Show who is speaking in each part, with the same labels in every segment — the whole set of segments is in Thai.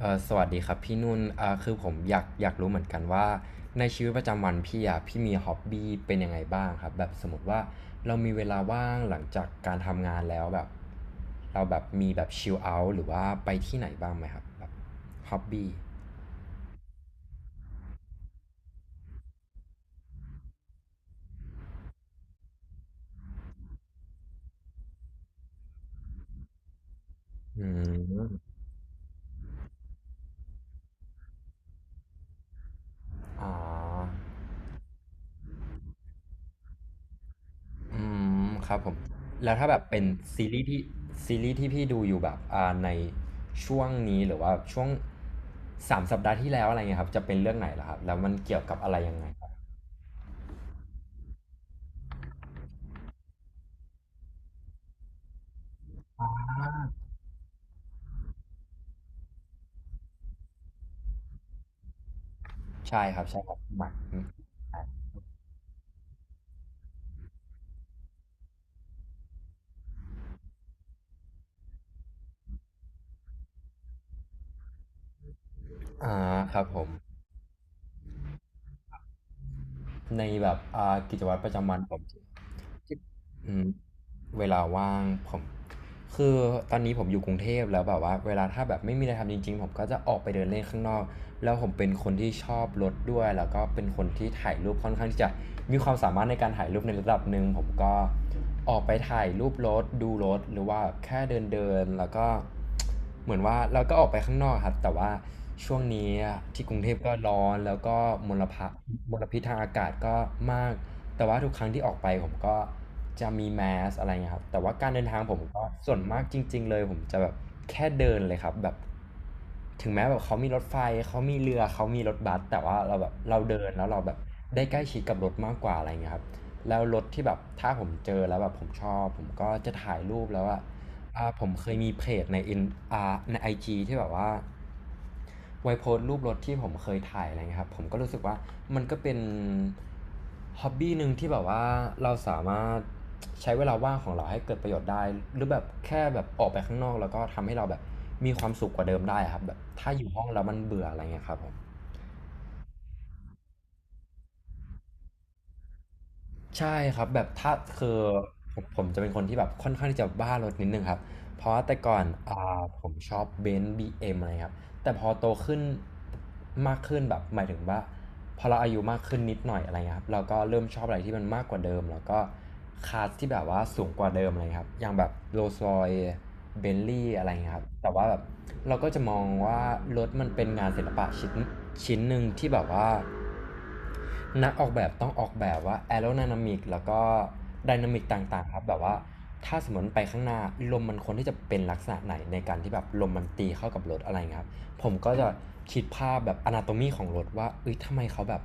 Speaker 1: สวัสดีครับพี่นุ่นคือผมอยากรู้เหมือนกันว่าในชีวิตประจำวันพี่อ่ะพี่มีฮ็อบบี้เป็นยังไงบ้างครับแบบสมมติว่าเรามีเวลาว่างหลังจากการทำงานแล้วแบบเราแบบมีแบบชิลเอาท์หรือว่าไปที่ไหนบ้างไหมครับแบบฮ็อบบี้อืมอ๋ออืมครับผมแล้วถ้าแบบเป็นซีรีส์ที่ซีรีส์ที่พี่ดูอยู่แบบในช่วงนี้หรือว่าช่วง3 สัปดาห์ที่แล้วอะไรเงี้ยครับจะเป็นเรื่องไหนล่ะครับแล้วมันเกี่ยวกับอะไรยังไง ใช่ครับใช่ครับหมักอืมอาครับผมในแบบกิจวัตรประจำวันผมที่อืมเวลาว่างผมคือตอนนี้ผมอยู่กรุงเทพแล้วแบบว่าเวลาถ้าแบบไม่มีอะไรทำจริงๆผมก็จะออกไปเดินเล่นข้างนอกแล้วผมเป็นคนที่ชอบรถด้วยแล้วก็เป็นคนที่ถ่ายรูปค่อนข้างที่จะมีความสามารถในการถ่ายรูปในระดับหนึ่งผมก็ออกไปถ่ายรูปรถดูรถหรือว่าแค่เดินๆแล้วก็ เหมือนว่าเราก็ออกไปข้างนอกครับแต่ว่าช่วงนี้ที่กรุงเทพก็ร้อนแล้วก็มลภะมลพิษทางอากาศก็มากแต่ว่าทุกครั้งที่ออกไปผมก็จะมีแมสอะไรเงี้ยครับแต่ว่าการเดินทางผมก็ส่วนมากจริงๆเลยผมจะแบบแค่เดินเลยครับแบบถึงแม้แบบเขามีรถไฟเขามีเรือเขามีรถบัสแต่ว่าเราแบบเราเดินแล้วเราแบบได้ใกล้ชิดกับรถมากกว่าอะไรเงี้ยครับแล้วรถที่แบบถ้าผมเจอแล้วแบบผมชอบผมก็จะถ่ายรูปแล้วอะ ผมเคยมีเพจในอินอ่าในไอจีที่แบบว่าไว้โพสต์รูปรถที่ผมเคยถ่ายอะไรเงี้ยครับผมก็รู้สึกว่ามันก็เป็นฮ็อบบี้หนึ่งที่แบบว่าเราสามารถใช้เวลาว่างของเราให้เกิดประโยชน์ได้หรือแบบแค่แบบออกไปข้างนอกแล้วก็ทำให้เราแบบมีความสุขกว่าเดิมได้ครับแบบถ้าอยู่ห้องแล้วมันเบื่ออะไรเงี้ยครับผม ใช่ครับแบบถ้าคือผมจะเป็นคนที่แบบค่อนข้างที่จะบ้ารถนิดนึงครับเพราะว่าแต่ก่อนอ่าผมชอบเบนซ์บีเอ็มอะไรครับแต่พอโตขึ้นมากขึ้นแบบหมายถึงว่าพอเราอายุมากขึ้นนิดหน่อยอะไรเงี้ยครับเราก็เริ่มชอบอะไรที่มันมากกว่าเดิมแล้วก็คลาสที่แบบว่าสูงกว่าเดิมอะไรครับอย่างแบบโรลส์รอยเบนลี่อะไรเงี้ยครับแต่ว่าแบบเราก็จะมองว่ารถมันเป็นงานศิลปะชิ้นชิ้นหนึ่งที่แบบว่า นักออกแบบต้องออกแบบว่าแอโร d y นามิกแล้วก็ไดนามิกต่างๆครับแบบว่าถ้าสมมติไปข้างหน้าลมมันควรที่จะเป็นลักษณะไหนในการที่แบบลมมันตีเข้ากับรถอะไรเงี้ยครับผมก็จะคิดภาพแบบอนาโตมีของรถว่าเอ้ยทำไมเขาแบบ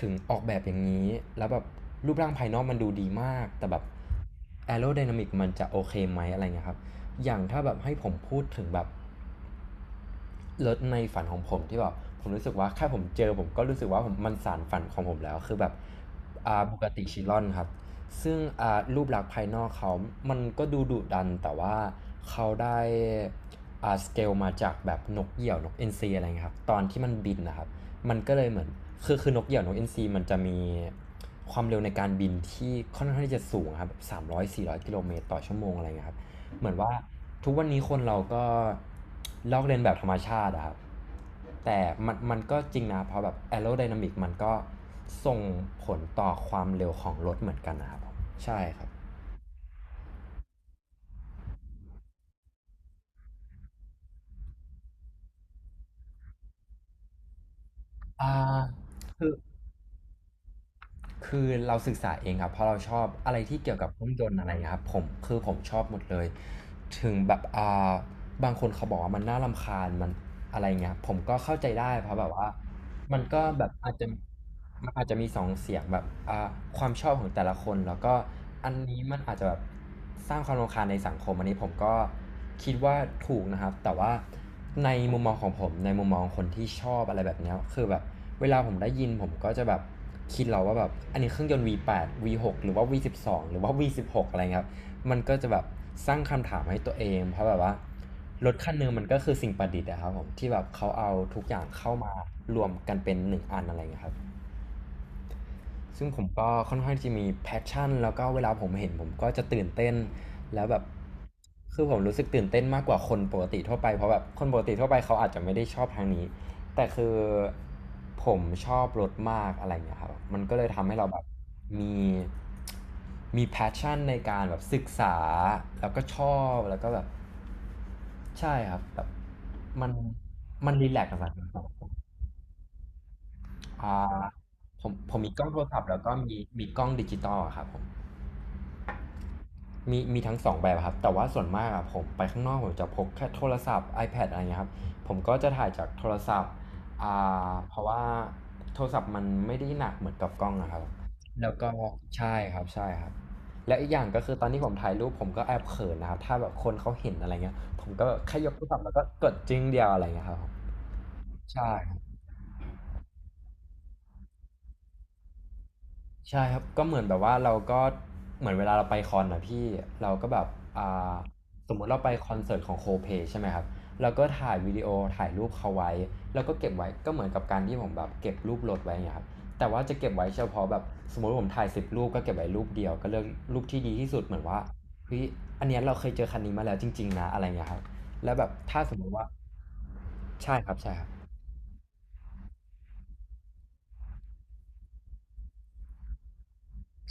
Speaker 1: ถึงออกแบบอย่างนี้แล้วแบบรูปร่างภายนอกมันดูดีมากแต่แบบแอโร d y นามิกมันจะโอเคไหมอะไรเงี้ยครับอย่างถ้าแบบให้ผมพูดถึงแบบ รถในฝันของผมที่แบบผมรู้สึกว่าแค่ผมเจอผมก็รู้สึกว่าผมมันสานฝันของผมแล้วคือแบบบุกติชิลอนครับซึ่งรูปลักษณ์ภายนอกเขา มันก็ดูดุดันแต่ว่าเขาได้สเกลมาจากแบบนกเหยี่ยวนกเอ็นซีอะไรเงี้ยครับตอนที่มันบินนะครับมันก็เลยเหมือนคือนกเหยี่ยวนกเอ็นซีมันจะมีความเร็วในการบินที่ค่อนข้างที่จะสูงครับ300-400 กิโลเมตรต่อชั่วโมงอะไรเงี้ยครับ เหมือนว่าทุกวันนี้คนเราก็ลอกเลียนแบบธรรมชาติอะครับแต่มันก็จริงนะเพราะแบบแอโรไดนามิกมันก็ส่งผลต่อความเร็วของรถเหมือนกันนะครับใช่ครับอ่าคือ คือเราศึกษาเองครับเพราะเราชอบอะไรที่เกี่ยวกับเครื่องยนต์อะไรครับผมคือผมชอบหมดเลยถึงแบบาบางคนเขาบอกว่ามันน่ารำคาญมันอะไรเงี้ยผมก็เข้าใจได้เพราะแบบว่ามันก็แบบอาจจะมันอาจจะมีสองเสียงแบบความชอบของแต่ละคนแล้วก็อันนี้มันอาจจะแบบสร้างความรำคาญในสังคมอันนี้ผมก็คิดว่าถูกนะครับแต่ว่าในมุมมองของผมในมุมมองคนที่ชอบอะไรแบบเนี้ยคือแบบ เวลาผมได้ยินผมก็จะแบบคิดเราว่าแบบอันนี้เครื่องยนต์ V8 V6 หกหรือว่า V12 หรือว่า V16 อะไรครับ มันก็จะแบบสร้างคำถามให้ตัวเองเพราะแบบว่ารถคันหนึงมันก็คือสิ่งประดิษฐ์อะครับผมที่แบบเขาเอาทุกอย่างเข้ามารวมกันเป็นหนึ่งอันอะไรเงี้ยครับ ซึ่งผมก็ค่อนข้างที่มีแพชชั่นแล้วก็เวลาผมเห็นผมก็จะตื่นเต้นแล้วแบบคือผมรู้สึกตื่นเต้นมากกว่าคนปกติทั่วไปเพราะแบบคนปกติทั่วไปเขาอาจจะไม่ได้ชอบทางนี้แต่คือผมชอบรถมากอะไรอย่างเงี้ยครับมันก็เลยทำให้เราแบบมีมีแพชชั่นในการแบบศึกษาแล้วก็ชอบแล้วก็แบบใช่ครับแบบมันมันรีแลกซ์กับมัน อ่าผมมีกล้องโทรศัพท์แล้วก็มีกล้องดิจิตอลอะครับผมมีมีทั้งสองแบบครับแต่ว่าส่วนมากอะผมไปข้างนอกผมจะพกแค่โทรศัพท์ iPad อะไรเงี้ยครับผมก็จะถ่ายจากโทรศัพท์อ่เพราะว่าโทรศัพท์มันไม่ได้หนักเหมือนกับกล้องอะครับแล้วก็ใช่ครับใช่ครับแล้วอีกอย่างก็คือตอนที่ผมถ่ายรูปผมก็แอบเขินนะครับถ้าแบบคนเขาเห็นอะไรเงี้ยผมก็แบบแค่ยกโทรศัพท์แล้วก็กดจึ้งเดียวอะไรเงี้ยครับผมใช่ ใช่ครับก็เหมือนแบบว่าเราก็เหมือนเวลาเราไปคอนนะพี่เราก็แบบอ่าสมมุติเราไปคอนเสิร์ตของโคเพใช่ไหมครับเราก็ถ่ายวิดีโอถ่ายรูปเขาไว้แล้วก็เก็บไว้ก็เหมือนกับการที่ผมแบบเก็บรูปรถไว้อย่างเงี้ยครับแต่ว่าจะเก็บไว้เฉพาะแบบสมมติผมถ่าย10 รูปก็เก็บไว้รูปเดียวก็เลือกรูปที่ดีที่สุดเหมือนว่าเฮ้ยอันเนี้ยเราเคยเจอคันนี้มาแล้วจริงๆนะอะไรเงี้ยครับแล้วแบบถ้าสมมติว่าใช่ครับใช่ครับ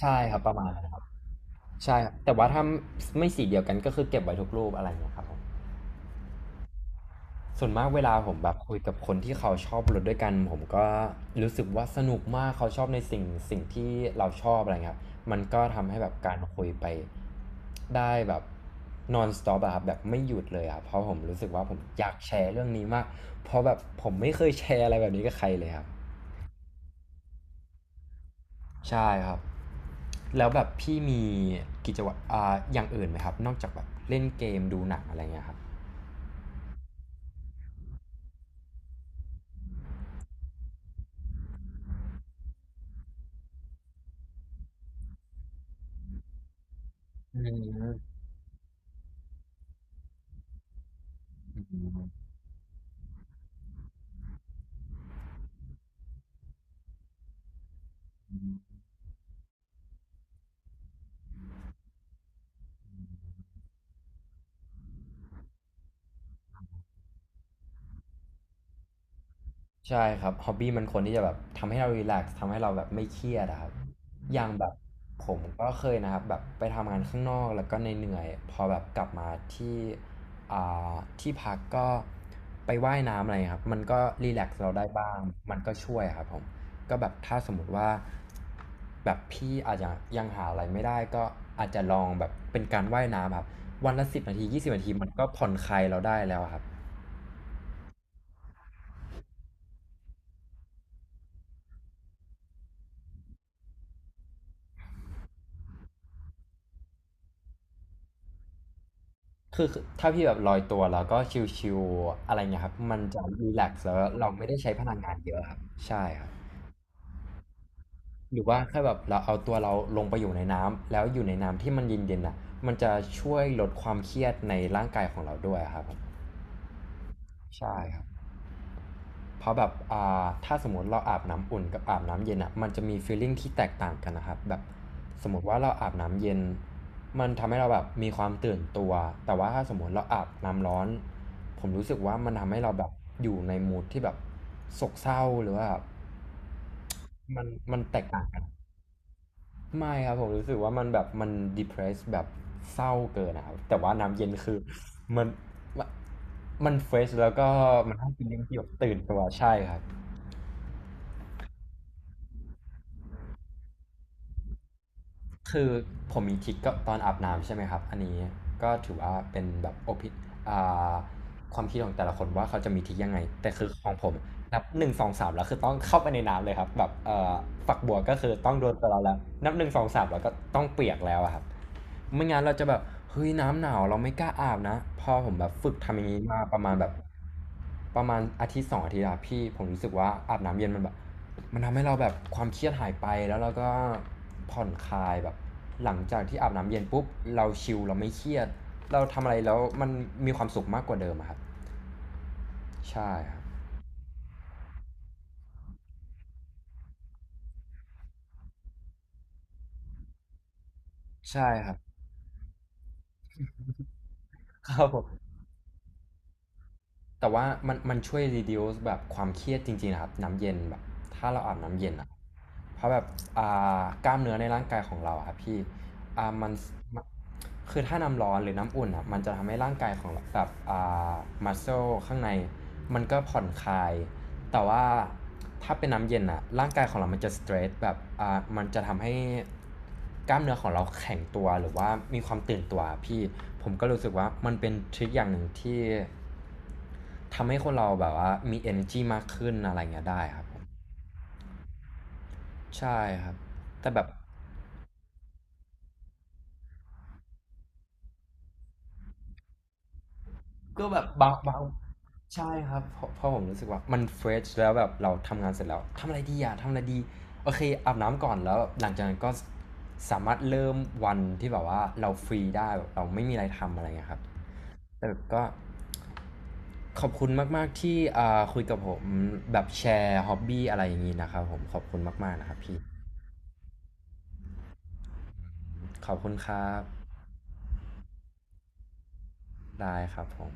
Speaker 1: ใช่ครับประมาณนั้นครับใช่ครับแต่ว่าถ้าไม่สีเดียวกันก็คือเก็บไว้ทุกรูปอะไรเงี้ยครับผม ส่วนมากเวลาผมแบบคุยกับคนที่เขาชอบรถด้วยกันผมก็รู้สึกว่าสนุกมากเขาชอบในสิ่งที่เราชอบอะไรเงี้ยครับมันก็ทำให้แบบการคุยไปได้แบบ non stop อะครับแบบไม่หยุดเลยอะเพราะผมรู้สึกว่าผมอยากแชร์เรื่องนี้มากเพราะแบบผมไม่เคยแชร์อะไรแบบนี้กับใครเลยครับใช่ครับแล้วแบบพี่มีกิจวัตรอย่างอื่นไหมครับนอกจากแบบเล่นเกมดูหนังอะไรเงี้ยครับอืม ใช่ครับฮอบบี้มันควรที่จะแบบทำให้เรารีแลกซ์ทำให้เราแบบไม่เครียดอะครับอย่างแบบผมก็เคยนะครับแบบไปทำงานข้างนอกแล้วก็เหนื่อยๆพอแบบกลับมาที่อ่าที่พักก็ไปว่ายน้ำอะไรครับมันก็รีแลกซ์เราได้บ้างมันก็ช่วยครับผมก็แบบถ้าสมมติว่าแบบพี่อาจจะยังหาอะไรไม่ได้ก็อาจจะลองแบบเป็นการว่ายน้ำครับวันละสิบนาที20 นาทีมันก็ผ่อนคลายเราได้แล้วอะครับ คือถ้าพี่แบบลอยตัวแล้วก็ชิลๆอะไรเงี้ยครับมันจะรีแลกซ์แล้วเราไม่ได้ใช้พลังงานเยอะครับใช่ครับหรือว่าแค่แบบเราเอาตัวเราลงไปอยู่ในน้ำแล้วอยู่ในน้ำที่มันเย็นๆน่ะมันจะช่วยลดความเครียดในร่างกายของเราด้วยครับผมใช่ครับ เพราะแบบถ้าสมมติเราอาบน้ำอุ่นกับอาบน้ำเย็นอ่ะมันจะมีฟีลลิ่งที่แตกต่างกันนะครับแบบสมมติว่าเราอาบน้ำเย็นมันทำให้เราแบบมีความตื่นตัวแต่ว่าถ้าสมมติเราอาบน้ำร้อนผมรู้สึกว่ามันทำให้เราแบบอยู่ในมูดที่แบบโศกเศร้าหรือว่าแบบมันมันแตกต่างกันไม่ครับผมรู้สึกว่ามันแบบมัน depress แบบเศร้าเกินนะครับแต่ว่าน้ำเย็นคือมันมันเฟรชแล้วก็มันให้ฟีลลิ่งที่แบบตื่นตัวใช่ครับ คือผมมีทิกก็ตอนอาบน้ำใช่ไหมครับอันนี้ก็ถือว่าเป็นแบบโอพิอ่าความคิดของแต่ละคนว่าเขาจะมีทิกยังไงแต่คือของผมนับหนึ่งสองสามแล้วคือต้องเข้าไปในน้ำเลยครับแบบฝักบัวก็คือต้องโดนตัวเราแล้วนับหนึ่งสองสามแล้วก็ต้องเปียกแล้วอะครับไม่งั้นเราจะแบบเฮ้ยน้ำหนาวเราไม่กล้าอาบนะพอผมแบบฝึกทำอย่างนี้มาประมาณแบบประมาณอาทิตย์สองอาทิตย์อะพี่ผมรู้สึกว่าอาบน้ำเย็นมันแบบ มันทำให้เราแบบความเครียดหายไปแล้วเราก็ผ่อนคลายแบบหลังจากที่อาบน้ำเย็นปุ๊บเราชิลเราไม่เครียดเราทำอะไรแล้วมันมีความสุขมากกว่าเดิมอะครับใช่ครับใช่ครับครับผมแต่ว่ามันช่วย reduce แบบความเครียดจริงๆนะครับน้ำเย็นแบบถ้าเราอาบน้ำเย็นอะเพราะแบบอ่กล้ามเนื้อในร่างกายของเราอะครับพี่มันมคือถ้าน้ำร้อนหรือน้ำอุ่นอะมันจะทำให้ร่างกายของเราแบบา muscle ข้างในมันก็ผ่อนคลาย แต่ว่าถ้าเป็นน้ำเย็นอะร่างกายของเรามันจะสเตรสแบบมันจะทำให้กล้ามเนื้อของเราแข็งตัวหรือว่ามีความตื่นตัวพี่ผมก็รู้สึกว่ามันเป็นทริคอย่างหนึ่งที่ทำให้คนเราแบบว่ามี energy มากขึ้นอะไรเงี้ยได้ครับผมใช่ครับแต่แบบก็แบบบางบาง ใช่ครับเพราะผมรู้สึกว่ามันเฟรชแล้วแบบเราทำงานเสร็จแล้วทำอะไรดีอะทำอะไรดีโอเคอาบน้ำก่อนแล้วหลังจากนั้นก็สามารถเริ่มวันที่แบบว่าเราฟรีได้แบบเราไม่มีอะไรทำอะไรเงี้ยครับแต่แบบก็ขอบคุณมากๆที่คุยกับผมแบบแชร์ฮ็อบบี้อะไรอย่างนี้นะครับผมขอบคุณมากๆนะครับพี่ขอบคุณครับได้ครับผม